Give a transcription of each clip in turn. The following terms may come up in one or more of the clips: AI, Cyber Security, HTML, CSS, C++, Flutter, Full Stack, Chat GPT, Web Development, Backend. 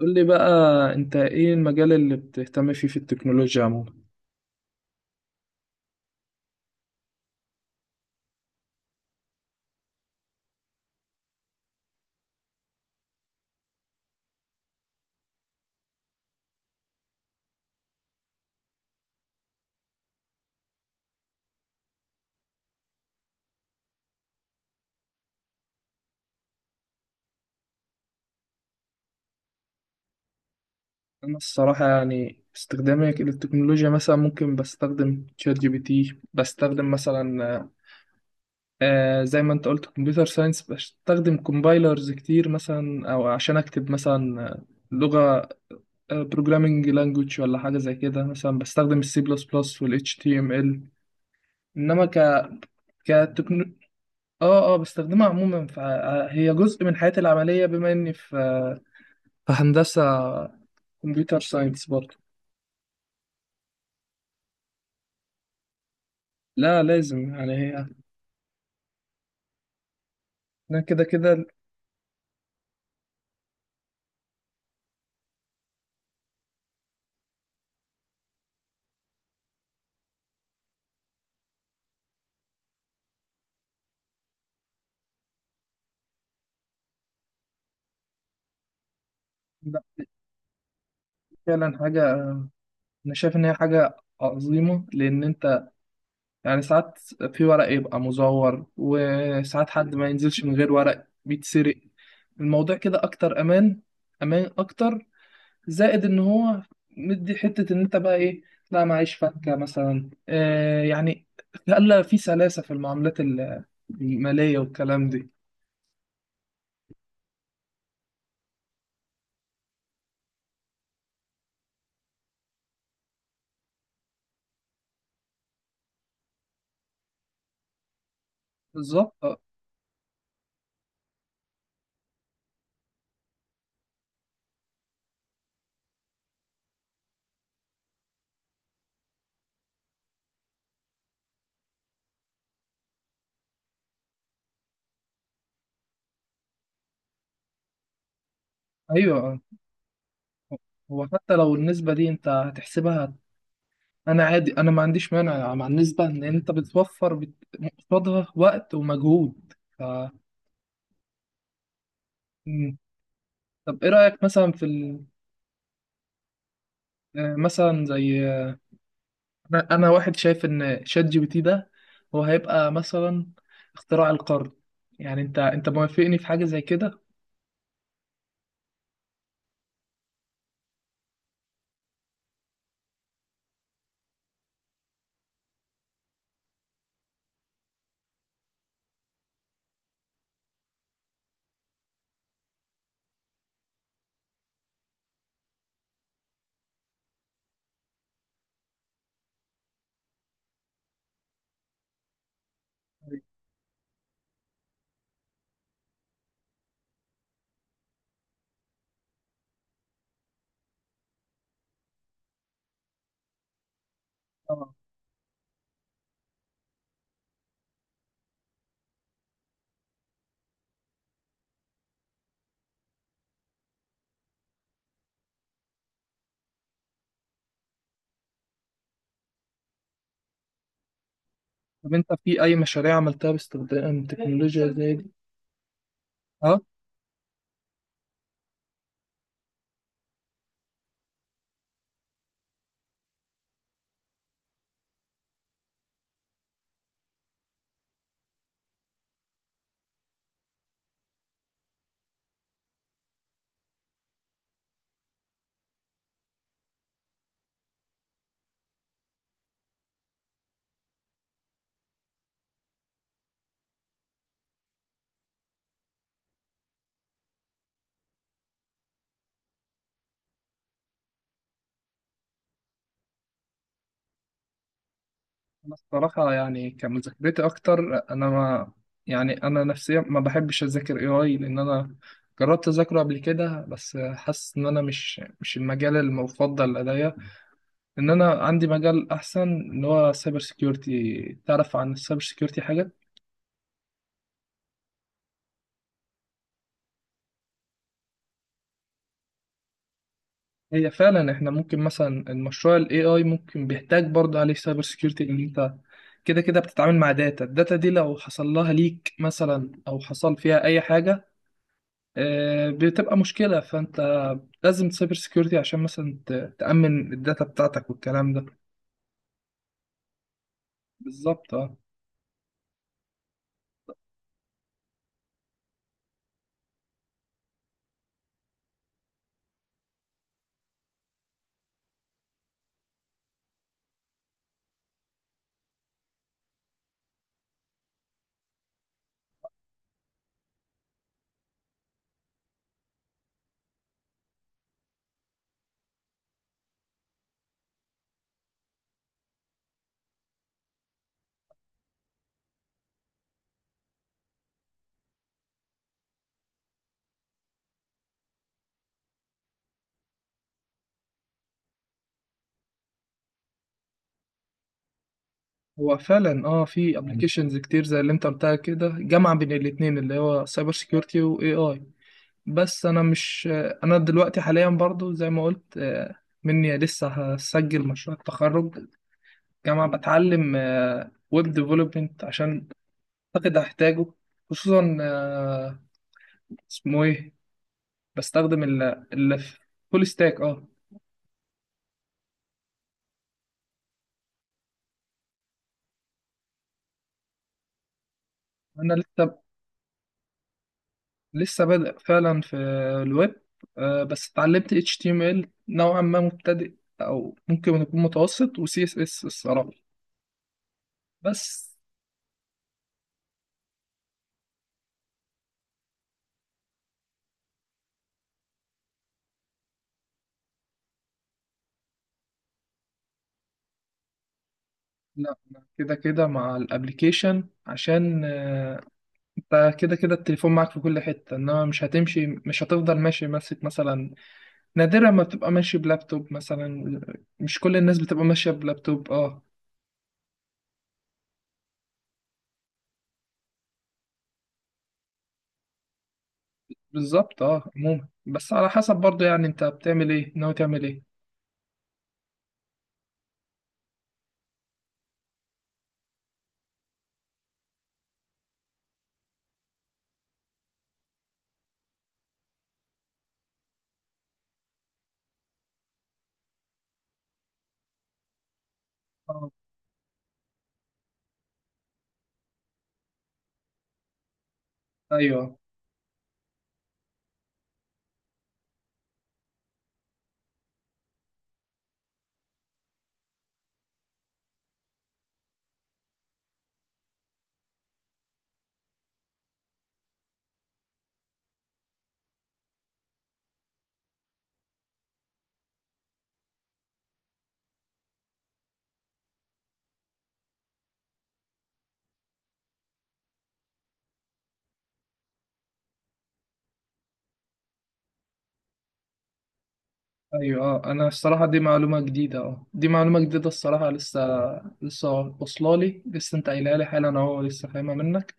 قول لي بقى، انت ايه المجال اللي بتهتم فيه في التكنولوجيا عموما؟ انا الصراحة يعني استخدامي للتكنولوجيا مثلا ممكن بستخدم شات جي بي تي، بستخدم مثلا زي ما انت قلت كمبيوتر ساينس، بستخدم كومبايلرز كتير مثلا او عشان اكتب مثلا لغة بروجرامينج لانجوج ولا حاجة زي كده، مثلا بستخدم السي بلس بلس والاتش تي ام ال، انما ك كتكنو... اه اه بستخدمها عموما، فهي جزء من حياتي العملية بما اني في فهندسة كمبيوتر ساينس برضه. لا لازم يعني هي. لا كده كده. لا، فعلا حاجة. أنا شايف إن هي حاجة عظيمة، لأن أنت يعني ساعات في ورق يبقى مزور، وساعات حد ما ينزلش من غير ورق بيتسرق. الموضوع كده أكتر أمان. أمان أكتر، زائد إن هو مدي حتة إن أنت بقى إيه، لا معيش فكة مثلا يعني، خلى في سلاسة في المعاملات المالية والكلام دي. بالظبط أيوه. هو حتى لو النسبة دي انت هتحسبها، انا عادي، انا ما عنديش مانع مع النسبة ان انت بتوفر قصادها وقت ومجهود مم. طب ايه رأيك مثلا في ال... آه، مثلا زي انا واحد شايف ان شات جي بي تي ده هو هيبقى مثلا اختراع القرن. يعني انت موافقني في حاجة زي كده؟ اه. طب انت في اي مشاريع عملتها باستخدام تكنولوجيا زي دي؟ اه. أنا الصراحة يعني كمذاكرتي أكتر. أنا ما يعني أنا نفسيا ما بحبش أذاكر AI، لأن أنا جربت أذاكره قبل كده، بس حاسس إن أنا مش المجال المفضل لدي، إن أنا عندي مجال أحسن اللي هو سايبر سيكيورتي. تعرف عن السايبر سيكيورتي حاجة؟ هي فعلا، إحنا ممكن مثلا المشروع ال AI ممكن بيحتاج برضه عليه سايبر سيكيورتي، إن أنت كده كده بتتعامل مع داتا، الداتا دي لو حصل لها ليك مثلا أو حصل فيها أي حاجة بتبقى مشكلة. فانت لازم سايبر سيكيورتي عشان مثلا تأمن الداتا بتاعتك والكلام ده. بالظبط اه. هو فعلا اه في ابلكيشنز كتير زي اللي انت قلتها كده، جامعة بين الاتنين اللي هو سايبر سيكيورتي واي اي. بس انا مش انا دلوقتي حاليا برضو زي ما قلت مني لسه هسجل مشروع التخرج جامعة بتعلم ويب ديفلوبمنت، عشان اعتقد هحتاجه، خصوصا اسمه ايه، بستخدم ال- فول ستاك. اه. انا لسه، بادئ فعلا في الويب، بس اتعلمت HTML نوعا ما مبتدئ او ممكن يكون متوسط، و CSS الصراحة بس. لا أنا كده كده مع الابليكيشن، عشان انت كده كده التليفون معاك في كل حتة، انما مش هتفضل ماشي ماسك مثلا. نادرا ما بتبقى ماشي بلابتوب مثلا، مش كل الناس بتبقى ماشية بلابتوب. اه. بالظبط اه، عموما بس على حسب برضه، يعني انت بتعمل ايه، ناوي تعمل ايه. اه. ايوه ايوه اه. انا الصراحه دي معلومه جديده، اه، دي معلومه جديده الصراحه. لسه لسه واصله لي، لسه انت قايلها لي حالا اهو، لسه فاهمها منك.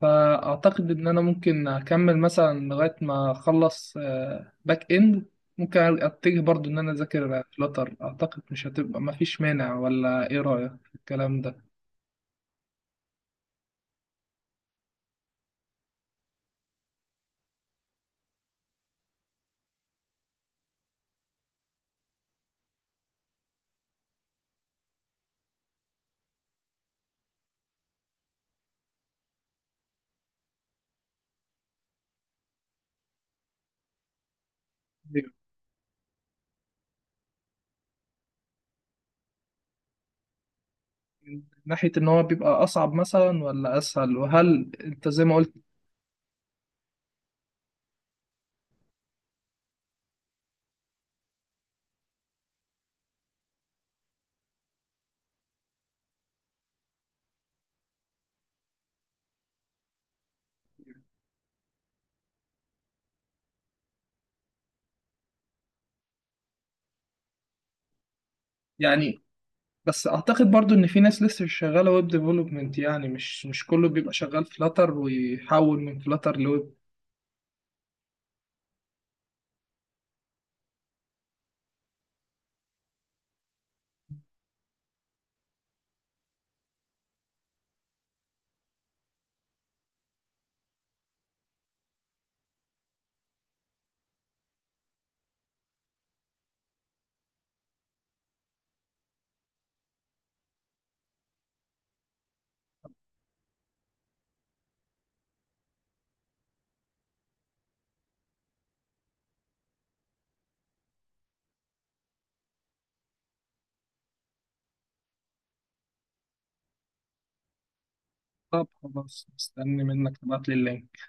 فاعتقد ان انا ممكن اكمل مثلا لغايه ما اخلص باك اند، ممكن اتجه برضو ان انا اذاكر فلاتر. اعتقد مش هتبقى، ما فيش مانع. ولا ايه رايك في الكلام ده؟ أيوة. من ناحيه ان هو بيبقى اصعب مثلا ولا اسهل، وهل انت زي ما قلت يعني. بس اعتقد برضو ان في ناس لسه مش شغاله ويب ديفلوبمنت، يعني مش كله بيبقى شغال فلاتر ويحول من فلاتر لويب. طب خلاص، مستني منك تبعت لي اللينك.